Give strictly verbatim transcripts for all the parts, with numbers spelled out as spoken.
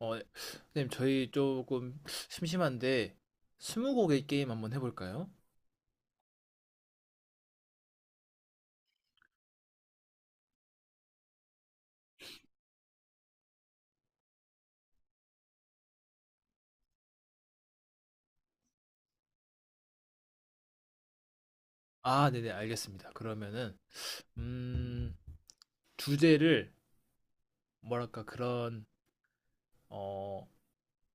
어, 네. 선생님, 저희 조금 심심한데, 스무고개 게임 한번 해볼까요? 아, 네네, 알겠습니다. 그러면은, 음, 주제를, 뭐랄까, 그런, 어,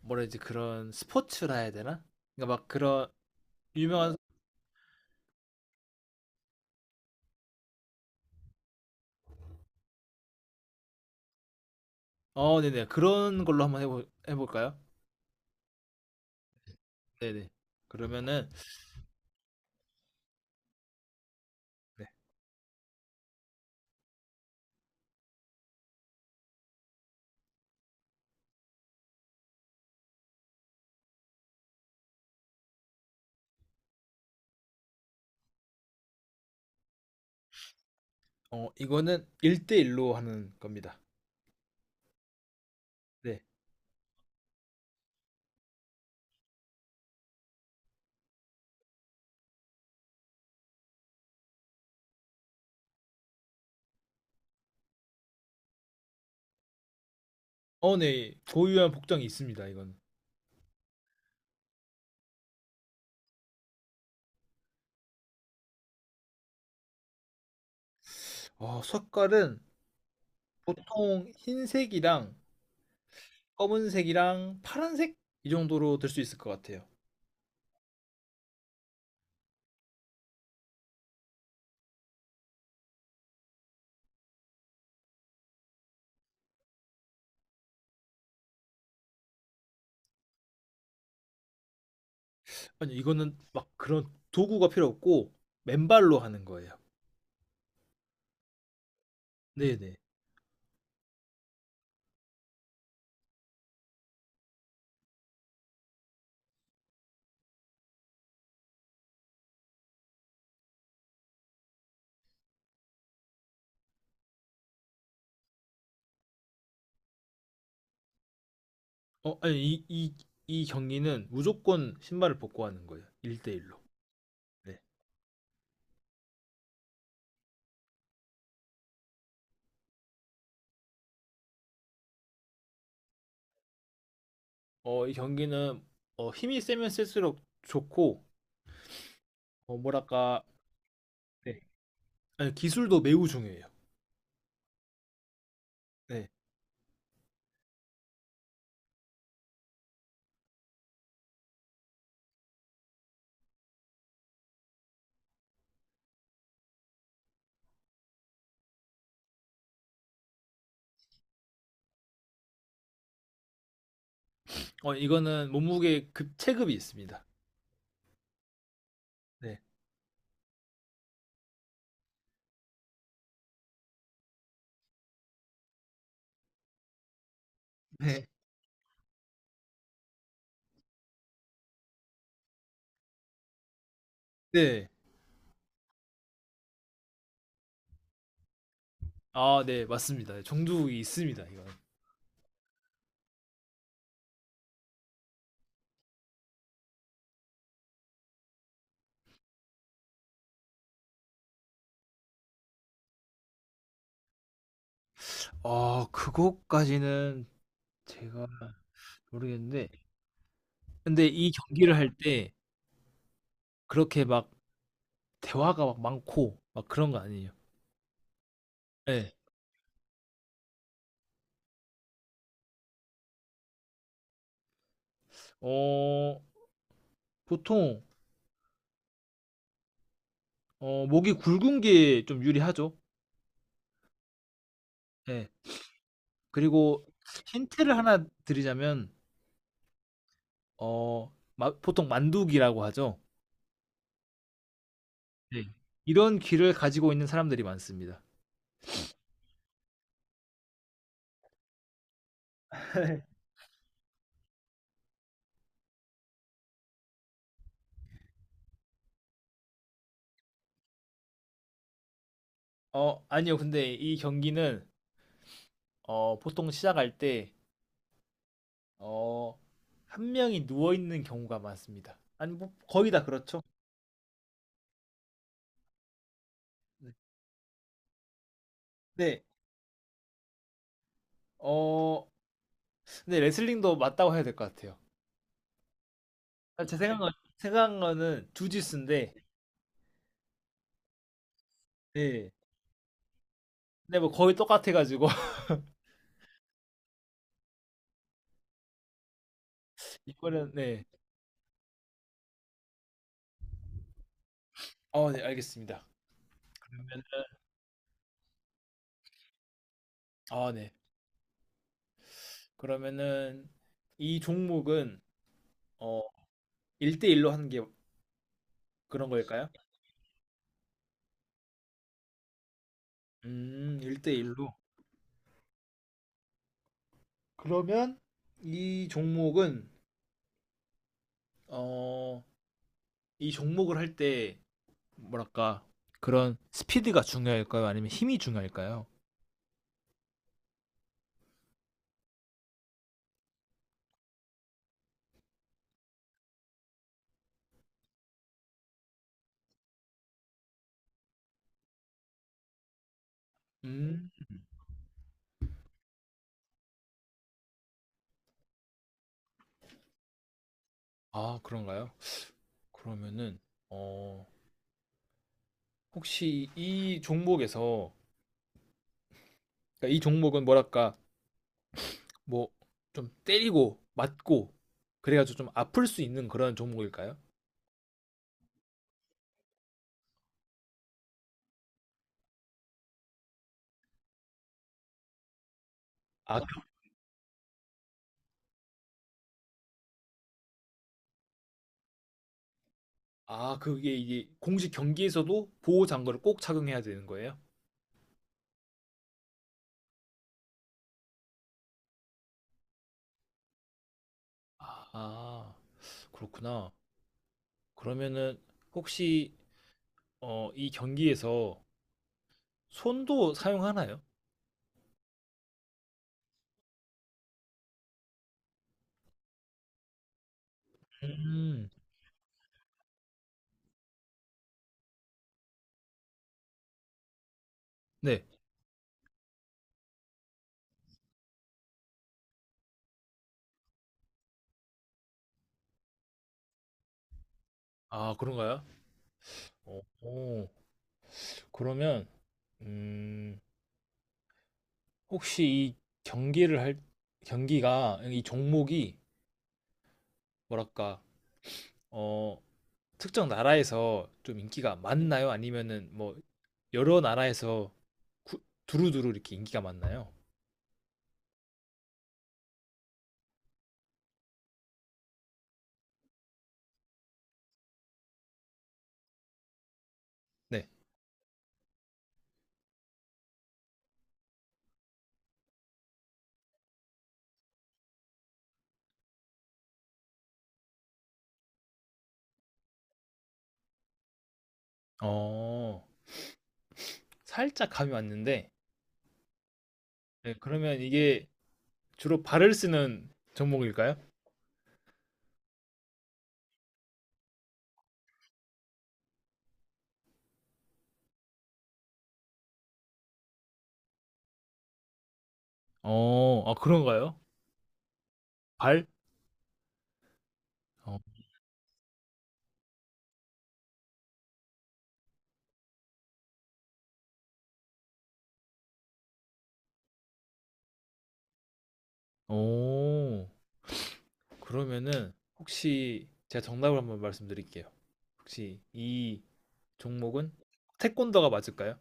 뭐라 해야지, 그런 스포츠라 해야 되나? 그러니까 막 그런, 유명한, 어, 네네, 그런 걸로 한번 해보, 해볼까요? 네네. 그러면은, 네. 어, 이거는 일대일로 하는 겁니다. 네. 어, 네, 고유한 복장이 있습니다, 이건. 어, 색깔은 보통 흰색이랑 검은색이랑 파란색 이 정도로 될 수 있을 것 같아요. 아니 이거는 막 그런 도구가 필요 없고 맨발로 하는 거예요. 네네. 어 아니 이 이 이 경기는 무조건 신발을 벗고 하는 거예요. 일대일로. 네. 어이 경기는 어 힘이 세면 셀수록 좋고 어 뭐랄까. 네. 아니, 기술도 매우 중요해요. 네. 어 이거는 몸무게 급 체급이 있습니다. 네. 네. 네. 아, 네, 맞습니다. 정두이 있습니다, 이건. 아, 그것까지는 제가 모르겠는데 근데 이 경기를 할 때 그렇게 막 대화가 막 많고 막 그런 거 아니에요. 예. 어, 보통 어, 목이 굵은 게 좀 유리하죠. 예. 그리고 힌트를 하나 드리자면 어, 마, 보통 만두기라고 하죠. 네. 이런 귀를 가지고 있는 사람들이 많습니다. 어, 아니요. 근데 이 경기는 어, 보통 시작할 때 어, 한 명이 누워 있는 경우가 많습니다. 아니 뭐 거의 다 그렇죠. 네. 네. 어 근데 레슬링도 맞다고 해야 될 것 같아요. 아 제 생각은 생각한 거는 주짓수인데. 네. 근데 뭐 거의 똑같아 가지고. 이거는 네. 어 네, 알겠습니다. 그러면 아 네. 그러면은 이 종목은 어 일 대일로 하는 게 그런 걸까요? 음 일대일 로. 그러면 이 종목은 어 이 종목을 할 때 뭐랄까 그런 스피드가 중요할까요? 아니면 힘이 중요할까요? 음. 아 그런가요? 그러면은 어 혹시 이 종목에서 그러니까 이 종목은 뭐랄까 뭐 좀 때리고 맞고 그래가지고 좀 아플 수 있는 그런 종목일까요? 아, 아 그게 이게 공식 경기에서도 보호 장구를 꼭 착용해야 되는 거예요? 아 그렇구나. 그러면은 혹시 어 이 경기에서 손도 사용하나요? 음, 네. 아 그런가요? 어, 오, 그러면 음. 혹시 이 경기를 할 경기가 이 종목이 뭐랄까 어 특정 나라에서 좀 인기가 많나요? 아니면은 뭐 여러 나라에서 구- 두루두루 이렇게 인기가 많나요? 네. 어 살짝 감이 왔는데. 네, 그러면 이게 주로 발을 쓰는 종목일까요? 어, 아 그런가요? 발? 어. 오, 그러면은 혹시 제가 정답을 한번 말씀드릴게요. 혹시 이 종목은 태권도가 맞을까요?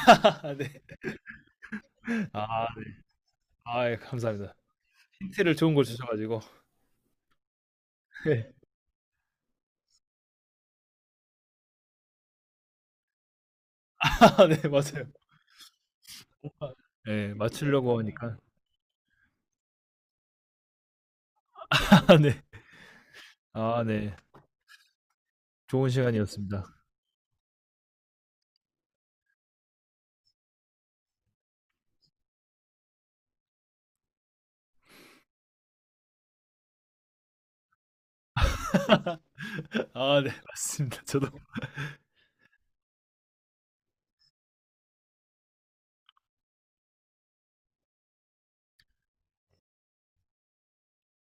아 네. 아 네. 아 예 감사합니다. 힌트를 좋은 걸 주셔 가지고. 네. 아 네 맞아요. 네 맞추려고 하니까. 아 네. 아 네. 좋은 시간이었습니다. 아 네 맞습니다. 저도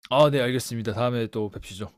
아 네 알겠습니다. 다음에 또 뵙시죠.